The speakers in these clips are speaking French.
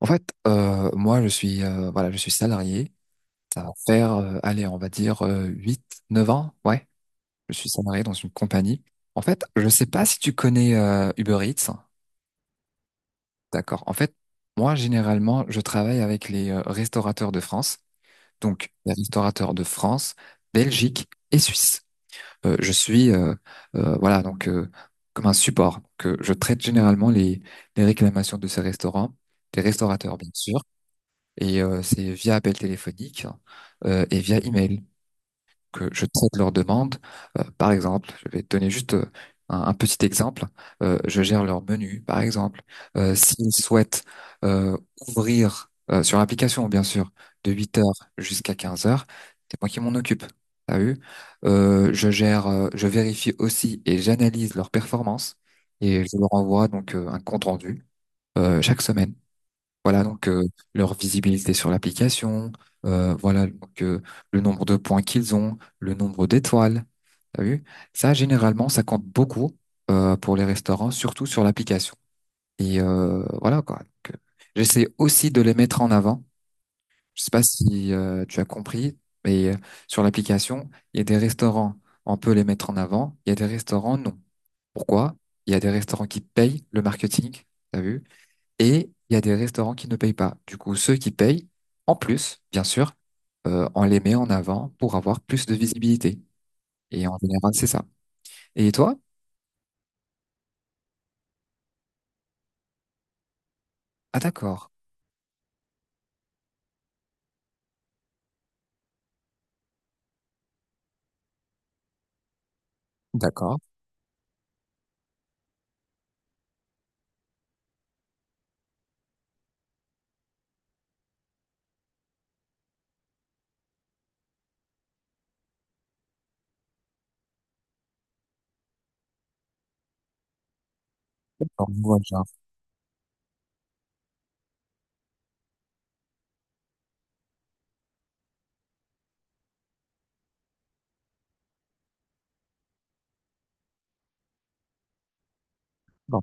En fait, moi, je suis, voilà, je suis salarié. Ça va faire, allez, on va dire 8, 9 ans. Ouais, je suis salarié dans une compagnie. En fait, je sais pas si tu connais Uber Eats. D'accord. En fait, moi, généralement, je travaille avec les restaurateurs de France. Donc, les restaurateurs de France, Belgique et Suisse. Euh, je suis, euh, voilà, donc comme un support. Que je traite généralement les réclamations de ces restaurants, des restaurateurs, bien sûr. Et c'est via appel téléphonique et via email que je traite leurs demandes. Par exemple, je vais te donner juste un petit exemple. Je gère leur menu, par exemple. S'ils souhaitent euh, ouvrir sur l'application, bien sûr, de 8 heures jusqu'à 15 heures, c'est moi qui m'en occupe. T'as vu? Je vérifie aussi et j'analyse leur performance et je leur envoie donc un compte rendu chaque semaine. Voilà, donc leur visibilité sur l'application, euh, voilà donc, euh, le nombre de points qu'ils ont, le nombre d'étoiles. T'as vu? Ça, généralement, ça compte beaucoup pour les restaurants, surtout sur l'application. Et voilà quoi. Donc, j'essaie aussi de les mettre en avant. Je sais pas si tu as compris, mais sur l'application, il y a des restaurants, on peut les mettre en avant. Il y a des restaurants, non. Pourquoi? Il y a des restaurants qui payent le marketing. T'as vu? Et il y a des restaurants qui ne payent pas. Du coup, ceux qui payent, en plus, bien sûr, on les met en avant pour avoir plus de visibilité. Et en général, c'est ça. Et toi? Ah, d'accord. D'accord. Alors, je vois le genre. Bon,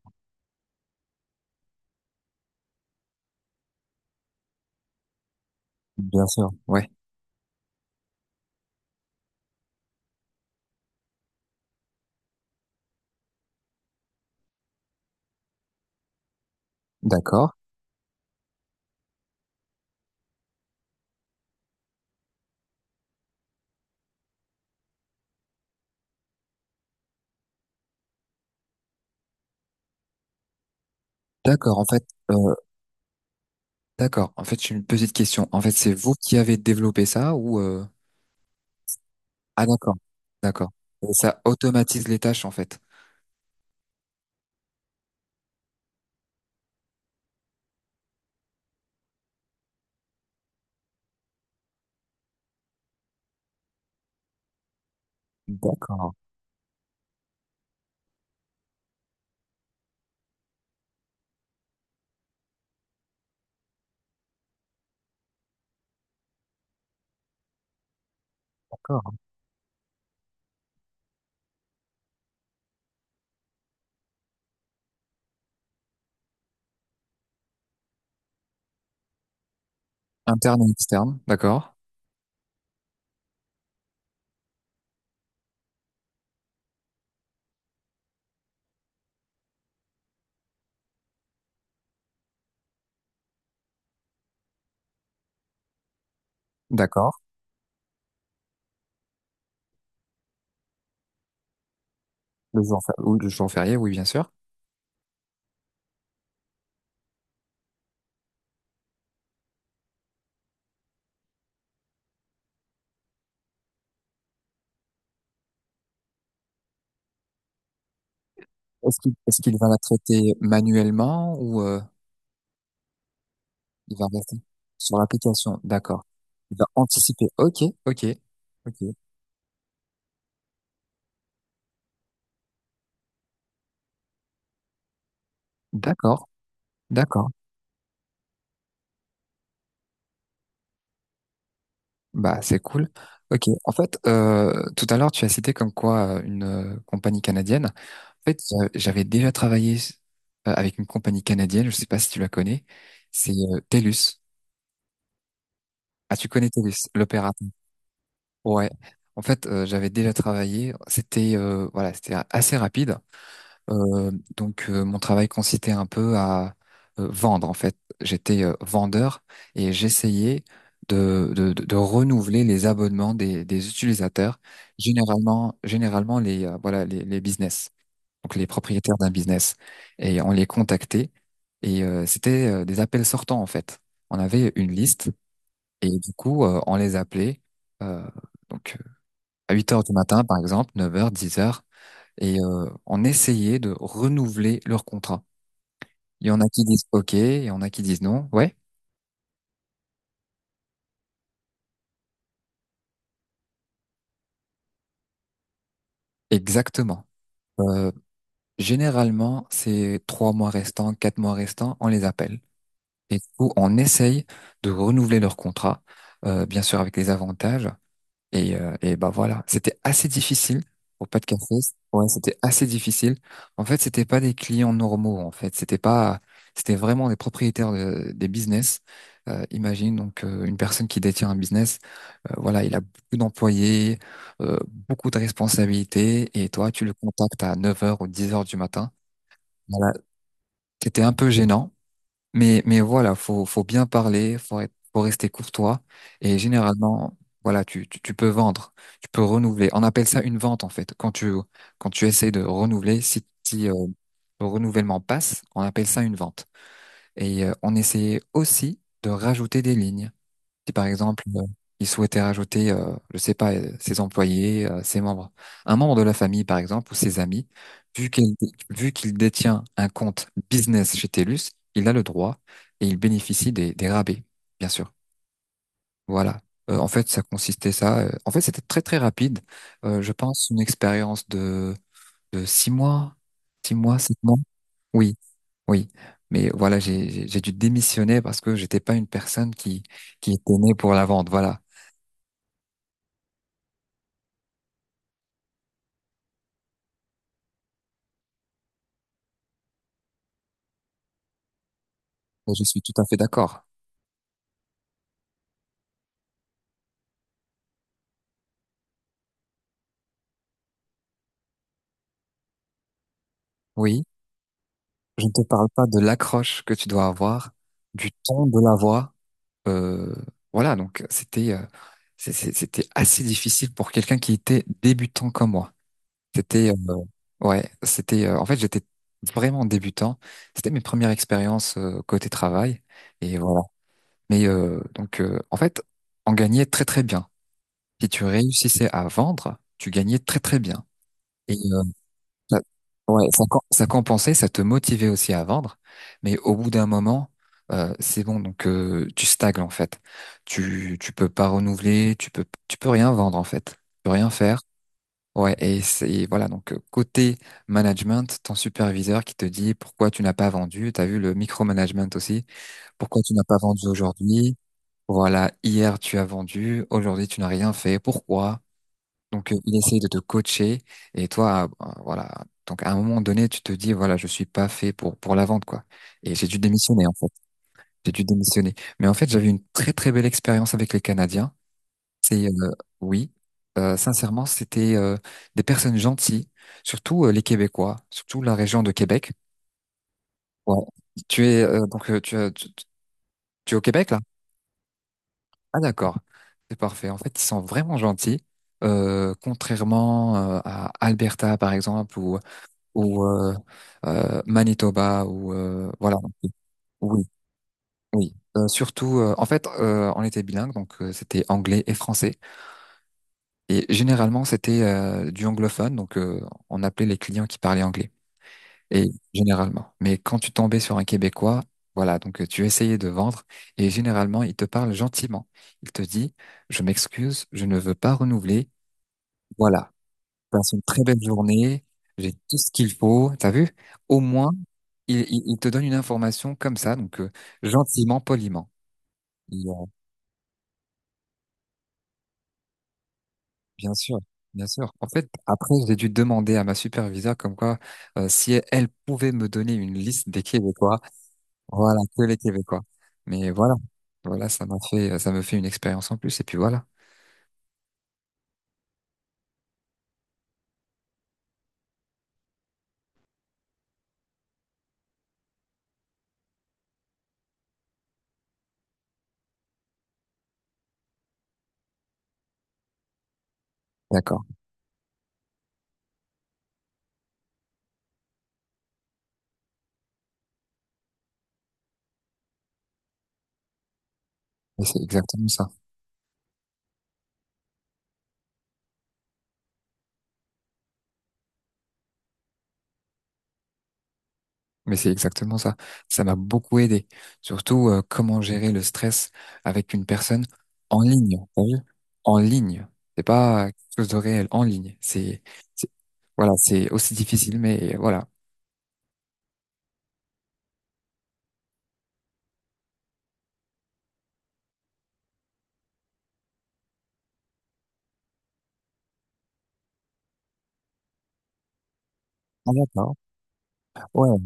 bien sûr. Ouais. D'accord. D'accord. En fait, euh, d'accord. En fait, j'ai une petite question. En fait, c'est vous qui avez développé ça ou Ah, d'accord. D'accord. Et ça automatise les tâches, en fait. D'accord. D'accord. Interne et externe. D'accord. D'accord. Le jour, ou le jour férié, oui, bien sûr. Est-ce qu'il va la traiter manuellement ou il va rester sur l'application? D'accord. Il va anticiper. Ok, ok, ok. D'accord, d'accord. Bah c'est cool. Ok. En fait, tout à l'heure tu as cité comme quoi une compagnie canadienne. En fait, j'avais déjà travaillé avec une compagnie canadienne. Je sais pas si tu la connais. C'est Telus. Ah, tu connais Telus, l'opérateur. Ouais. En fait, j'avais déjà travaillé. C'était voilà, c'était assez rapide. Euh, donc mon travail consistait un peu à vendre en fait. J'étais vendeur et j'essayais de renouveler les abonnements des utilisateurs, généralement les voilà les business, donc les propriétaires d'un business et on les contactait et c'était des appels sortants en fait. On avait une liste et du coup on les appelait euh, donc euh, à 8 heures du matin par exemple, 9 heures, 10 heures et on essayait de renouveler leur contrat. Il y en a qui disent OK, il y en a qui disent non. Ouais, exactement. Euh, Généralement, ces 3 mois restants, 4 mois restants, on les appelle. Et du coup, on essaye de renouveler leur contrat, bien sûr avec les avantages. Et bah voilà, c'était assez difficile pour pas de café. Ouais, c'était assez difficile. En fait, c'était pas des clients normaux. En fait, c'était pas, c'était vraiment des propriétaires des business. Imagine donc une personne qui détient un business. Voilà, il a beaucoup d'employés, euh, beaucoup de responsabilités. Et toi, tu le contactes à 9 heures ou 10 heures du matin. Voilà, c'était un peu gênant. Mais voilà, faut bien parler, faut rester courtois. Et généralement, voilà, tu peux vendre, tu peux renouveler. On appelle ça une vente, en fait. Quand tu essayes de renouveler, si, le renouvellement passe, on appelle ça une vente. Et on essayait aussi de rajouter des lignes. Si par exemple, il souhaitait rajouter, je sais pas, ses employés, ses membres, un membre de la famille par exemple ou ses amis, vu qu'il vu qu'il détient un compte business chez TELUS, il a le droit et il bénéficie des rabais, bien sûr. Voilà. En fait, ça consistait ça. En fait, c'était très très rapide. Je pense une expérience de 6 mois, 6 mois, 7 mois. Oui, oui. Mais voilà, j'ai dû démissionner parce que j'étais pas une personne qui était née pour la vente. Voilà. Mais je suis tout à fait d'accord. Oui, je ne te parle pas de l'accroche que tu dois avoir, du ton de la voix. Euh, voilà, donc c'était c'était assez difficile pour quelqu'un qui était débutant comme moi. C'était Ouais, c'était en fait j'étais vraiment débutant. C'était mes premières expériences côté travail et voilà. Mais en fait, on gagnait très très bien. Si tu réussissais à vendre, tu gagnais très très bien. Et euh, Ça- Ouais, ça compensait, ça te motivait aussi à vendre, mais au bout d'un moment, c'est bon, donc tu stagnes en fait. Tu peux pas renouveler, tu peux rien vendre en fait, tu peux rien faire. Ouais, et c'est voilà donc côté management, ton superviseur qui te dit pourquoi tu n'as pas vendu, t'as vu le micromanagement aussi, pourquoi tu n'as pas vendu aujourd'hui, voilà hier tu as vendu, aujourd'hui tu n'as rien fait, pourquoi? Donc, il essaye de te coacher et toi, voilà. Donc, à un moment donné, tu te dis, voilà, je suis pas fait pour la vente, quoi. Et j'ai dû démissionner, en fait. J'ai dû démissionner. Mais en fait, j'avais une très, très belle expérience avec les Canadiens. C'est, oui, sincèrement, c'était des personnes gentilles, surtout les Québécois, surtout la région de Québec. Ouais. Tu es, tu es au Québec, là? Ah, d'accord. C'est parfait. En fait, ils sont vraiment gentils. Contrairement à Alberta, par exemple, ou ou euh, Manitoba ou voilà. Oui, oui. En fait, on était bilingue, donc c'était anglais et français. Et généralement, c'était du anglophone, donc on appelait les clients qui parlaient anglais. Et généralement. Mais quand tu tombais sur un Québécois, voilà, donc tu essayais de vendre et généralement, il te parle gentiment. Il te dit, je m'excuse, je ne veux pas renouveler. Voilà. Passe une très belle journée, j'ai tout ce qu'il faut, t'as vu? Au moins, il te donne une information comme ça, donc gentiment, poliment. Et, bien sûr, bien sûr. En fait, après, j'ai dû demander à ma superviseure comme quoi si elle pouvait me donner une liste des Québécois, voilà, que les Québécois. Mais voilà, voilà, ça me fait une expérience en plus, et puis voilà. D'accord. Et c'est exactement ça. Mais c'est exactement ça. Ça m'a beaucoup aidé. Surtout, comment gérer le stress avec une personne en ligne. T'as vu. En ligne. C'est pas quelque chose de réel. En ligne. C'est- voilà, c'est aussi difficile, mais voilà. Ah, d'accord. Ouais.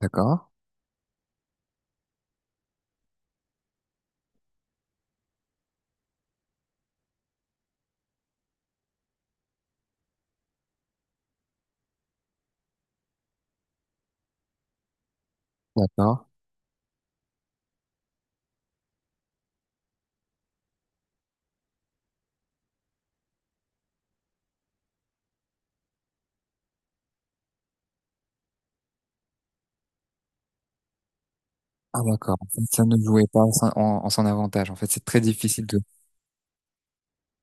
D'accord. D'accord. Ah, d'accord. En fait, ça ne jouait pas en son avantage. En fait, c'est très difficile de.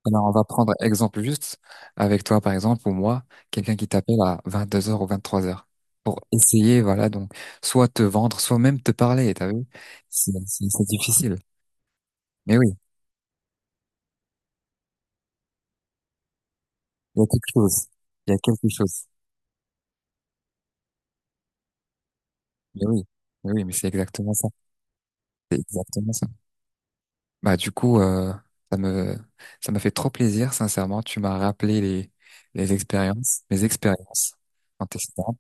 Alors, on va prendre exemple juste avec toi, par exemple, ou moi, quelqu'un qui t'appelle à 22 h ou 23 h pour essayer, voilà, donc, soit te vendre, soit même te parler, t'as vu? C'est difficile. Mais oui, il y a quelque chose. Il y a quelque chose. Mais oui, mais oui, mais c'est exactement ça. C'est exactement ça. Bah, du coup, ça me, ça m'a fait trop plaisir, sincèrement. Tu m'as rappelé les expériences, mes expériences en testant.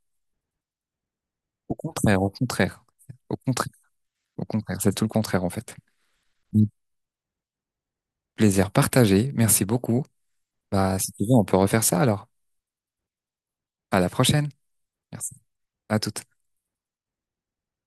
Au contraire, au contraire, au contraire, au contraire. C'est tout le contraire, en fait. Plaisir partagé. Merci beaucoup. Bah, si tu veux, on peut refaire ça alors. À la prochaine. Merci. À toute.